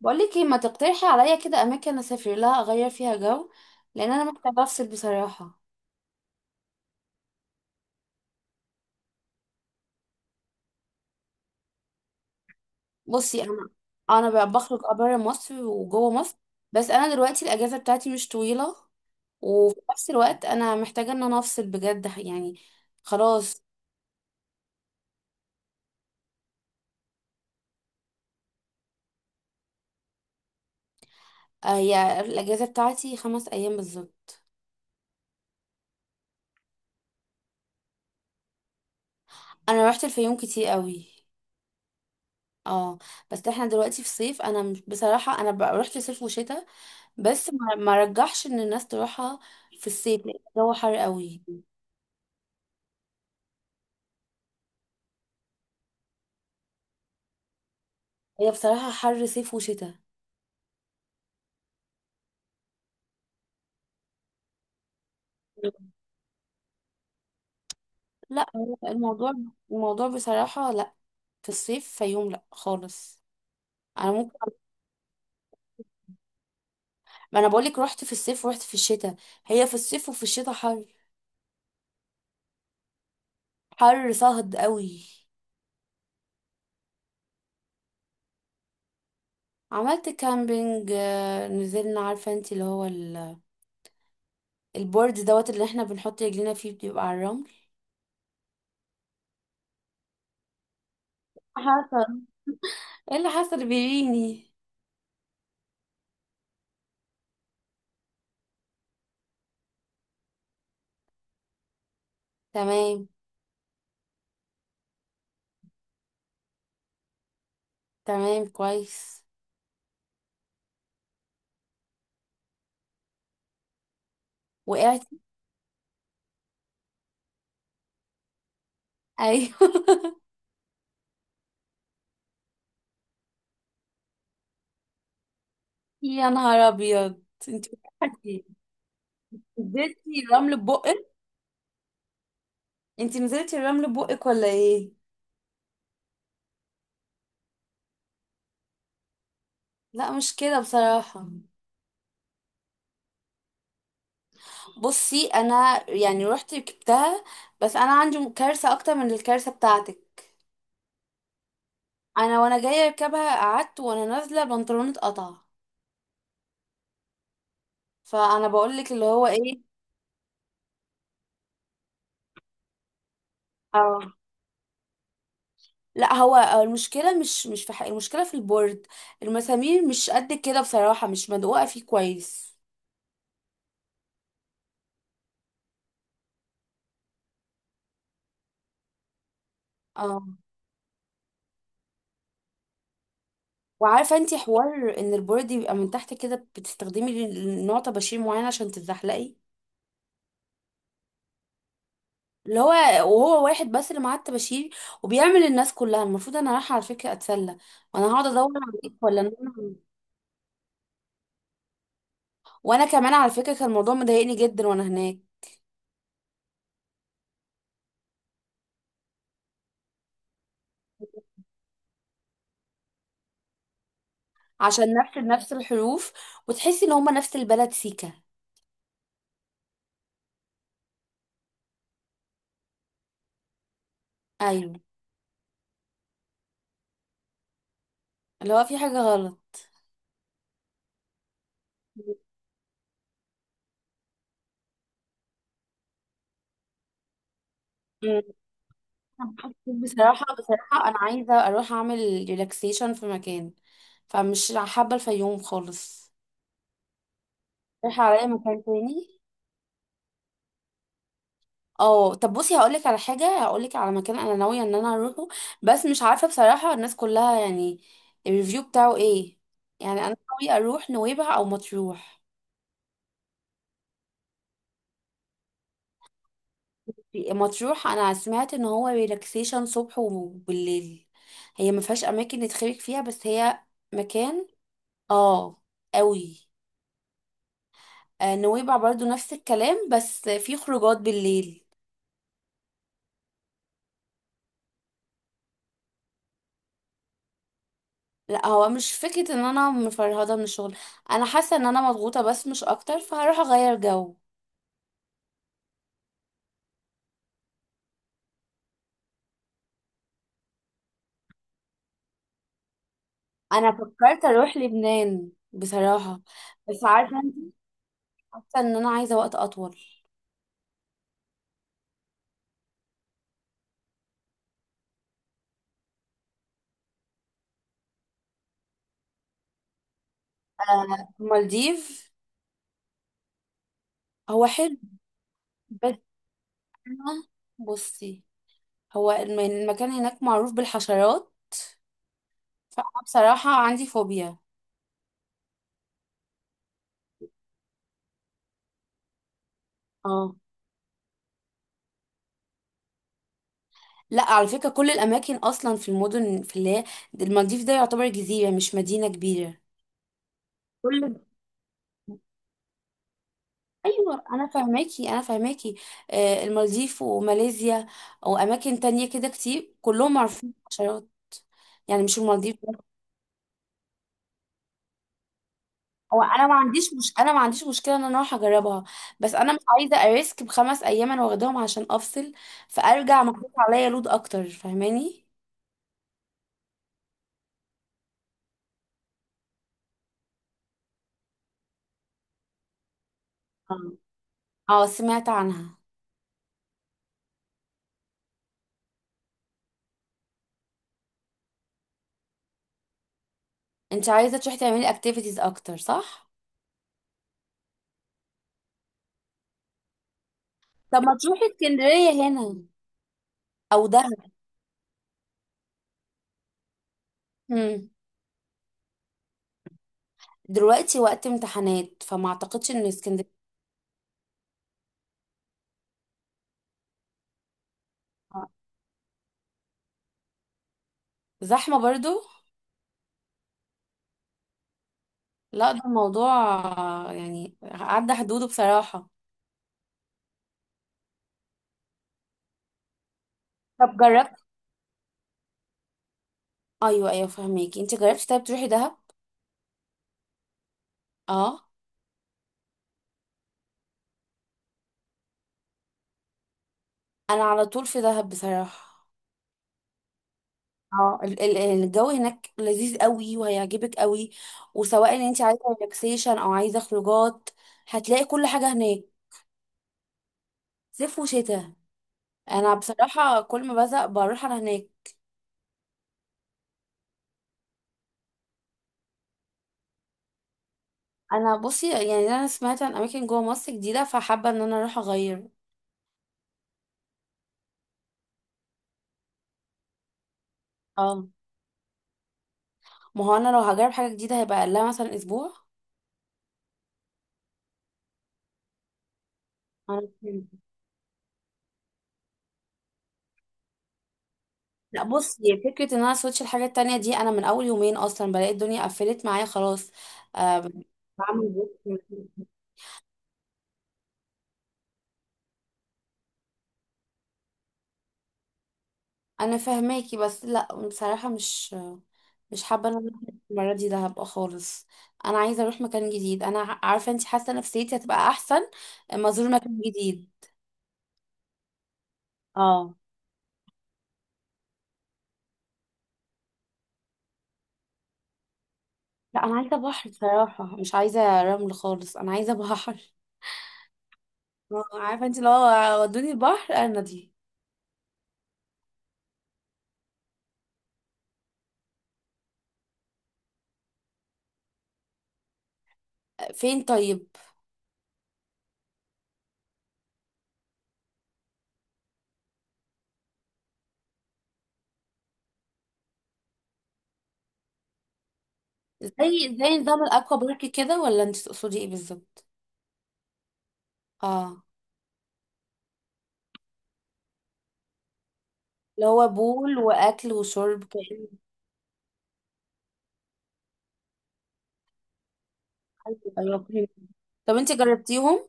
بقولك ايه، ما تقترحي عليا كده اماكن اسافر لها اغير فيها جو؟ لان انا محتاجه افصل بصراحه. بصي انا بخرج، بره مصر وجوه مصر. بس انا دلوقتي الاجازه بتاعتي مش طويله، وفي نفس الوقت انا محتاجه ان انا افصل بجد، يعني خلاص. هي الاجازه بتاعتي 5 ايام بالظبط. انا رحت الفيوم كتير قوي. اه، بس احنا دلوقتي في صيف، انا بصراحه انا رحت صيف وشتاء، بس ما رجحش ان الناس تروحها في الصيف لان الجو حر قوي. هي بصراحة حر صيف وشتاء. لا، هو الموضوع، الموضوع بصراحة لا. في الصيف فيوم لا خالص. انا ممكن، ما انا بقولك رحت في الصيف ورحت في الشتاء. هي في الصيف وفي الشتاء حر. حر صهد قوي. عملت كامبينج، نزلنا، عارفة انت اللي هو البورد دوت اللي احنا بنحط رجلينا فيه بيبقى على الرمل. حصل. ايه اللي حصل بيريني؟ تمام. تمام، كويس. وقعت. ايوه يا نهار ابيض. انت وقعتي. نزلتي الرمل ببقك. انتي نزلتي الرمل ببقك ولا ايه؟ لا، مش كده بصراحة. بصي انا يعني رحت ركبتها، بس انا عندي كارثة اكتر من الكارثة بتاعتك. انا وانا جاية اركبها قعدت وانا نازلة بنطلوني اتقطع. فانا بقولك اللي هو ايه. اه، لا، هو هو المشكلة، مش في حق، المشكلة في البورد. المسامير مش قد كده بصراحة، مش مدقوقة فيه كويس. اه، وعارفه انتي حوار ان البورد يبقى من تحت كده بتستخدمي نوع طباشير معين عشان تتزحلقي. اللي هو، وهو واحد بس اللي معاه الطباشير وبيعمل الناس كلها. المفروض انا رايحه على فكره اتسلى، وانا هقعد ادور عليك ولا إن انا. وانا كمان على فكره كان الموضوع مضايقني جدا وانا هناك. عشان نفس نفس الحروف وتحسي ان هما نفس البلد سيكا. ايوه، اللي هو في حاجه غلط. مم. بصراحه انا عايزه اروح اعمل ريلاكسيشن في مكان، فمش حابه الفيوم خالص. رايحة عليا مكان تاني. اه، طب بصي هقولك على حاجة، هقولك على مكان انا ناوية ان انا اروحه، بس مش عارفة بصراحة الناس كلها يعني الريفيو بتاعه ايه. يعني انا ناوية اروح نويبع او مطروح. مطروح انا سمعت ان هو ريلاكسيشن صبح وبالليل. هي ما فيهاش اماكن نتخرج فيها، بس هي مكان. اه، قوي. نويبع برضو نفس الكلام بس في خروجات بالليل. لا، هو مش فكرة ان انا مفرهدة من الشغل. انا حاسة ان انا مضغوطة بس، مش اكتر، فهروح اغير جو. انا فكرت اروح لبنان بصراحة، بس عارفة انت، حاسة ان انا عايزة وقت اطول. المالديف. هو حلو، بس انا، بصي، هو المكان هناك معروف بالحشرات، فانا بصراحة عندي فوبيا. اه، لا، على فكرة كل الاماكن اصلا في المدن، في اللي هي، المالديف ده يعتبر جزيرة مش مدينة كبيرة. كله. ايوه، انا فاهماكي انا فاهماكي. المالديف وماليزيا واماكن تانية كده كتير كلهم معروفين بالحشرات. يعني مش المالديف بس. هو انا ما عنديش، مش انا ما عنديش مشكله ان انا اروح اجربها، بس انا مش عايزه اريسك ب5 ايام انا واخداهم عشان افصل، فارجع محطوط عليا لود اكتر، فاهماني. اه، سمعت عنها. انت عايزه تروحي تعملي اكتيفيتيز اكتر، صح؟ طب ما تروحي اسكندريه هنا، او دهب. مم. دلوقتي وقت امتحانات فما اعتقدش ان اسكندريه. زحمة برضو. لا، ده الموضوع، يعني عدى حدوده بصراحة. طب جربت. ايوه ايوه، فهميكي، انت جربتي. طيب تروحي دهب. اه، انا على طول في دهب بصراحة. اه، الجو هناك لذيذ قوي وهيعجبك قوي. وسواء ان انت عايزة ريلاكسيشن او عايزة خروجات، هتلاقي كل حاجة هناك. صيف وشتاء. انا بصراحة كل ما بزهق بروح انا هناك. انا بصي يعني انا سمعت عن اماكن جوه مصر جديدة، فحابة ان انا اروح اغير. اه، ما هو انا لو هجرب حاجه جديده هيبقى اقلها مثلا اسبوع. انا فهمت. لا، بصي، فكرة ان انا سويتش الحاجات التانية دي، انا من اول يومين اصلا بلاقي الدنيا قفلت معايا خلاص. آه بعمل بوست. انا فاهماكي بس لا، بصراحة مش، مش حابة ان انا أروح المرة دي دهب خالص. انا عايزة اروح مكان جديد، انا عارفة انتي، حاسة نفسيتي هتبقى احسن اما ازور مكان جديد. اه، لا، انا عايزة بحر بصراحة، مش عايزة رمل خالص، انا عايزة بحر. عارفة انتي لو ودوني البحر انا دي. فين طيب؟ زي نظام الاكوا بارك كده ولا انت تقصدي ايه بالظبط؟ اه، اللي هو بول واكل وشرب كأنه أيوة، فهمت. طب انت جربتيهم؟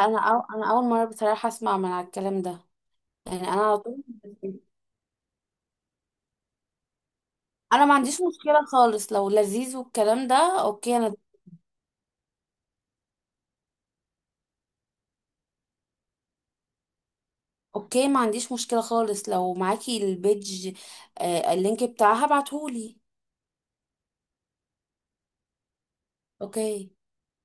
انا انا اول مره بصراحه اسمع من على الكلام ده. يعني انا على طول انا ما عنديش مشكله خالص لو لذيذ والكلام ده. اوكي انا. اوكي، ما عنديش مشكله خالص لو معاكي البيج، اللينك بتاعها ابعتهولي. اوكي